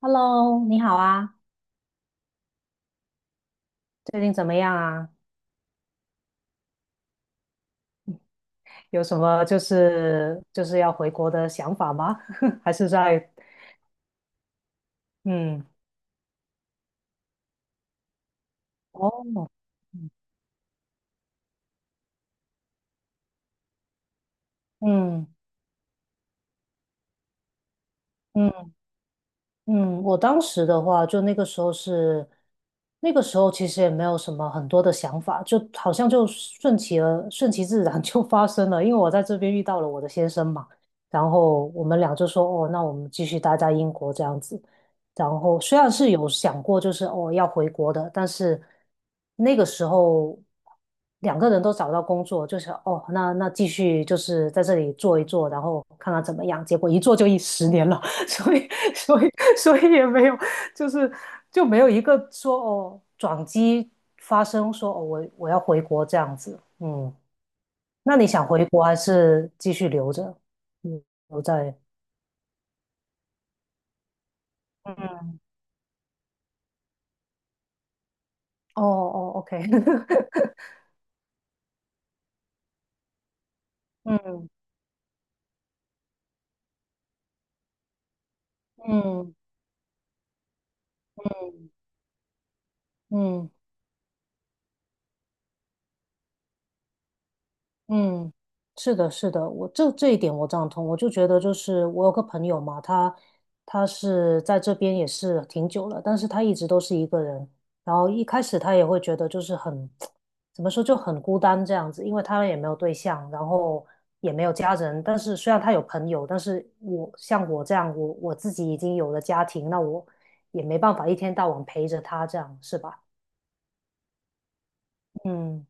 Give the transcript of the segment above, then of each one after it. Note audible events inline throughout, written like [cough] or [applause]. Hello，你好啊，最近怎么样啊？有什么就是要回国的想法吗？[laughs] 还是在嗯。哦。嗯嗯嗯嗯。我当时的话，就那个时候是，那个时候其实也没有什么很多的想法，就好像就顺其自然 [laughs] 就发生了。因为我在这边遇到了我的先生嘛，然后我们俩就说，哦，那我们继续待在英国这样子。然后虽然是有想过，就是哦要回国的，但是那个时候2个人都找到工作，就是哦那继续就是在这里做一做，然后看看怎么样。结果一做就10年了。[laughs] 所以所以所以也没有，就是就没有一个说哦转机发生说哦我要回国这样子，嗯。那你想回国还是继续留着？嗯。留在哦哦，OK。[laughs] 嗯嗯嗯。嗯嗯，是的，是的，我这一点我赞同。我就觉得，就是我有个朋友嘛，他是在这边也是挺久了，但是他一直都是一个人。然后一开始他也会觉得就是很，怎么说就很孤单这样子，因为他也没有对象，然后也没有家人。但是虽然他有朋友，但是我像我这样，我自己已经有了家庭，那我也没办法一天到晚陪着他这样，是吧？嗯。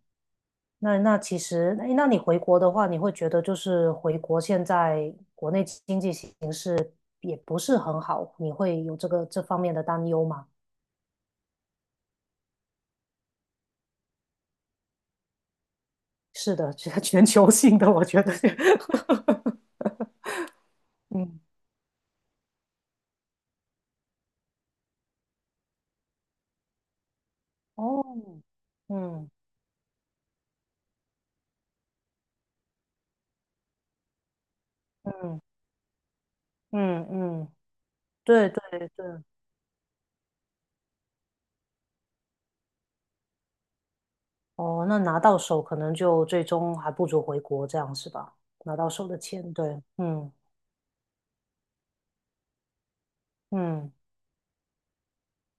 那其实，诶那你回国的话，你会觉得就是回国现在国内经济形势也不是很好，你会有这个这方面的担忧吗？是的，这个 [laughs] 全球性的，我觉得。[laughs] 嗯。哦。嗯嗯嗯嗯。对对对。哦，那拿到手可能就最终还不如回国这样是吧？拿到手的钱，对。嗯嗯。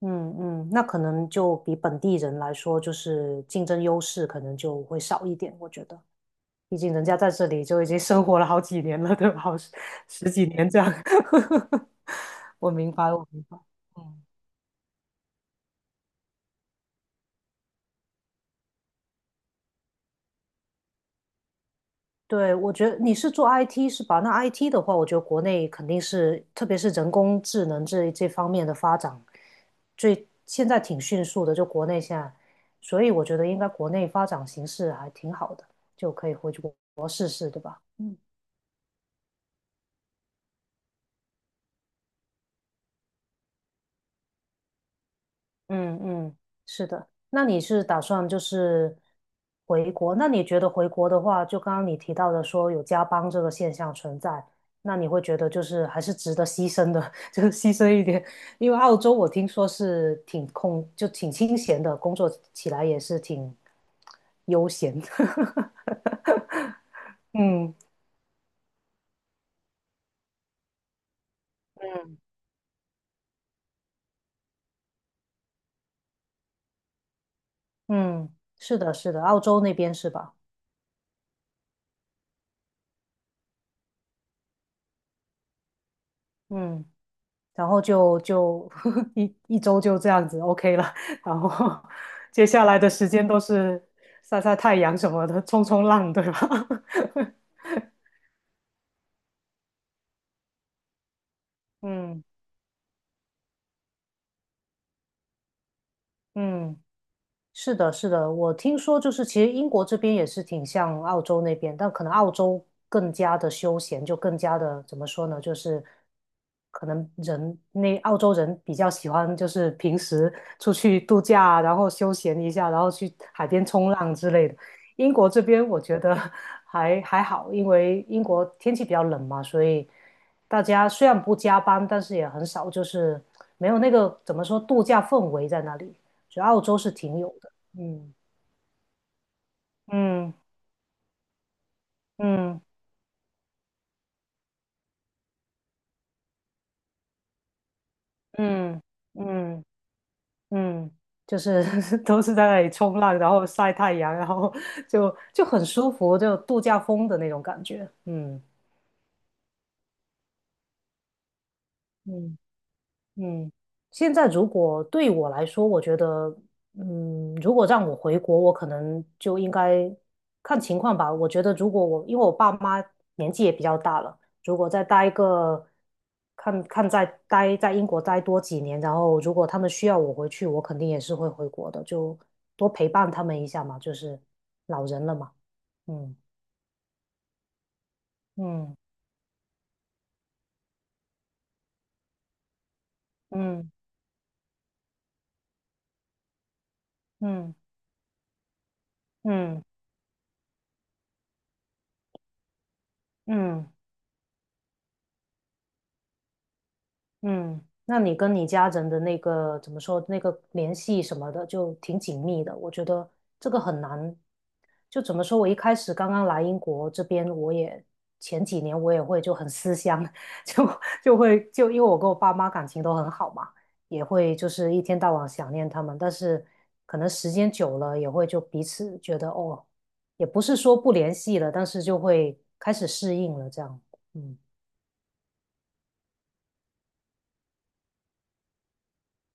嗯嗯，那可能就比本地人来说，就是竞争优势可能就会少一点，我觉得，毕竟人家在这里就已经生活了好几年了，对吧？好十10几年这样。[laughs] 我明白，我明白。嗯，对，我觉得你是做 IT 是吧？那 IT 的话，我觉得国内肯定是，特别是人工智能这方面的发展，最现在挺迅速的，就国内现在，所以我觉得应该国内发展形势还挺好的，就可以回去国试试，对吧？嗯。嗯嗯，是的。那你是打算就是回国？那你觉得回国的话，就刚刚你提到的说有加班这个现象存在，那你会觉得就是还是值得牺牲的，[laughs] 就是牺牲一点。因为澳洲我听说是挺空，就挺清闲的，工作起来也是挺悠闲的。[laughs] 嗯嗯。嗯，是的，是的，澳洲那边是吧？嗯。然后就 [laughs] 一周就这样子 OK 了，[laughs] 然后接下来的时间都是晒晒太阳什么的，冲冲浪，对吧？[laughs] 嗯嗯。是的，是的，我听说就是其实英国这边也是挺像澳洲那边，但可能澳洲更加的休闲，就更加的怎么说呢，就是可能那澳洲人比较喜欢就是平时出去度假啊然后休闲一下，然后去海边冲浪之类的。英国这边我觉得 [laughs] 还好，因为英国天气比较冷嘛，所以大家虽然不加班，但是也很少就是没有那个怎么说度假氛围在那里。所以澳洲是挺有的。嗯嗯嗯嗯嗯嗯。就是 [laughs] 都是在那里冲浪，然后晒太阳，然后就很舒服，就度假风的那种感觉。嗯嗯。嗯，现在如果对我来说，我觉得，嗯，如果让我回国，我可能就应该看情况吧。我觉得，如果我因为我爸妈年纪也比较大了，如果再待一个，看看再待在英国待多几年，然后如果他们需要我回去，我肯定也是会回国的，就多陪伴他们一下嘛，就是老人了嘛。嗯嗯嗯嗯嗯嗯。嗯嗯，那你跟你家人的那个怎么说，那个联系什么的，就挺紧密的。我觉得这个很难，就怎么说，我一开始刚刚来英国这边，前几年我也会就很思乡，[laughs] 就就会因为我跟我爸妈感情都很好嘛，也会就是一天到晚想念他们，但是可能时间久了也会就彼此觉得哦，也不是说不联系了，但是就会开始适应了这样。嗯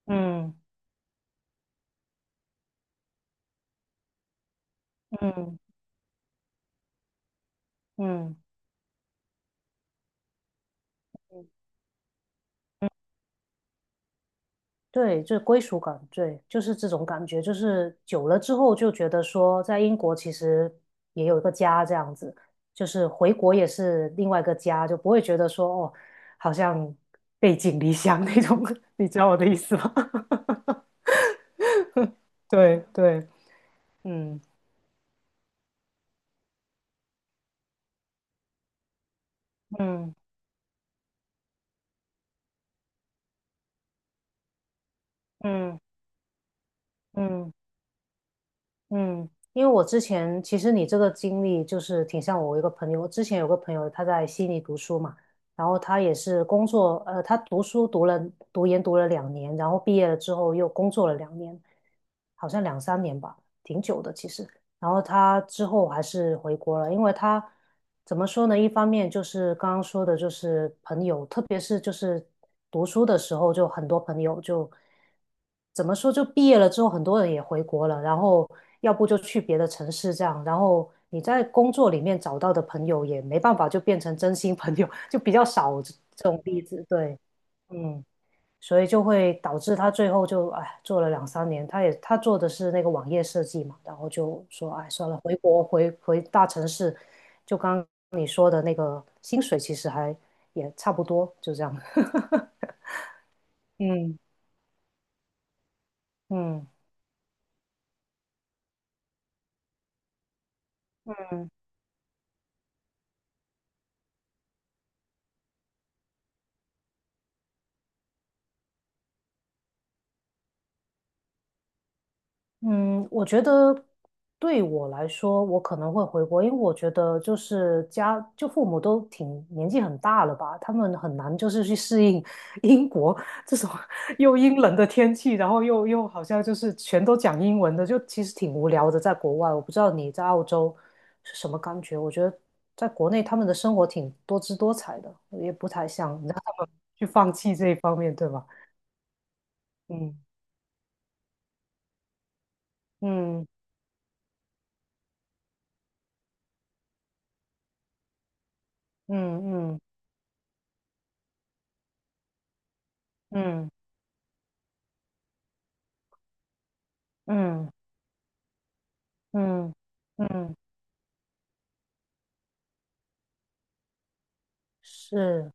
嗯嗯嗯。对，就是归属感，对，就是这种感觉，就是久了之后就觉得说，在英国其实也有一个家这样子，就是回国也是另外一个家，就不会觉得说哦，好像背井离乡那种。[laughs] 你知道我的意思吗？[laughs] 对对。嗯嗯嗯嗯。嗯，因为我之前其实你这个经历就是挺像我一个朋友，我之前有个朋友他在悉尼读书嘛，然后他也是工作，他读研读了两年，然后毕业了之后又工作了两年，好像两三年吧，挺久的其实。然后他之后还是回国了，因为他怎么说呢？一方面就是刚刚说的，就是朋友，特别是就是读书的时候，就很多朋友就怎么说，就毕业了之后，很多人也回国了，然后要不就去别的城市这样，然后你在工作里面找到的朋友也没办法就变成真心朋友，[laughs] 就比较少这种例子，对。嗯。所以就会导致他最后就哎做了两三年，他做的是那个网页设计嘛，然后就说哎算了，回国回大城市，就刚刚你说的那个薪水其实还也差不多，就这样。[laughs] 嗯嗯。嗯，我觉得对我来说，我可能会回国，因为我觉得就是家，就父母都挺年纪很大了吧，他们很难就是去适应 [laughs] 英国这种 [laughs] 又阴冷的天气，然后又好像就是全都讲英文的，就其实挺无聊的，在国外。我不知道你在澳洲是什么感觉，我觉得在国内他们的生活挺多姿多彩的，也不太想 [laughs] 让他们去放弃这一方面，对吧？嗯嗯嗯嗯嗯嗯。嗯嗯嗯。是。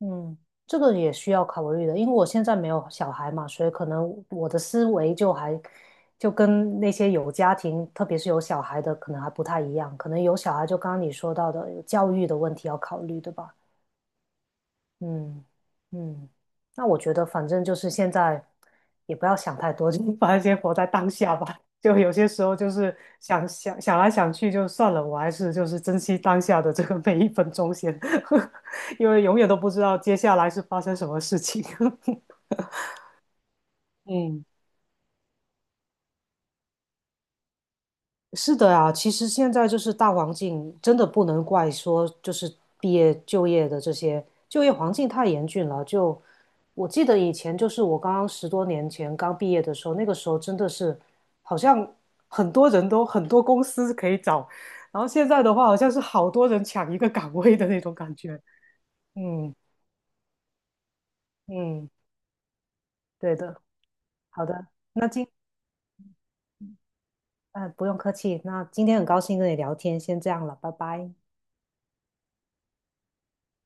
嗯，这个也需要考虑的，因为我现在没有小孩嘛，所以可能我的思维就还跟那些有家庭，特别是有小孩的，可能还不太一样。可能有小孩，就刚刚你说到的有教育的问题要考虑，对吧？嗯嗯。那我觉得反正就是现在也不要想太多，[laughs] 就是反正先活在当下吧。就有些时候就是想来想去就算了，我还是就是珍惜当下的这个每一分钟先，[laughs] 因为永远都不知道接下来是发生什么事情。[laughs] 嗯。是的啊，其实现在就是大环境，真的不能怪说就是毕业就业的这些就业环境太严峻了。就我记得以前就是我刚刚10多年前刚毕业的时候，那个时候真的是好像很多人都很多公司可以找，然后现在的话好像是好多人抢一个岗位的那种感觉。嗯嗯。对的。好的。那今嗯,不用客气，那今天很高兴跟你聊天，先这样了，拜拜。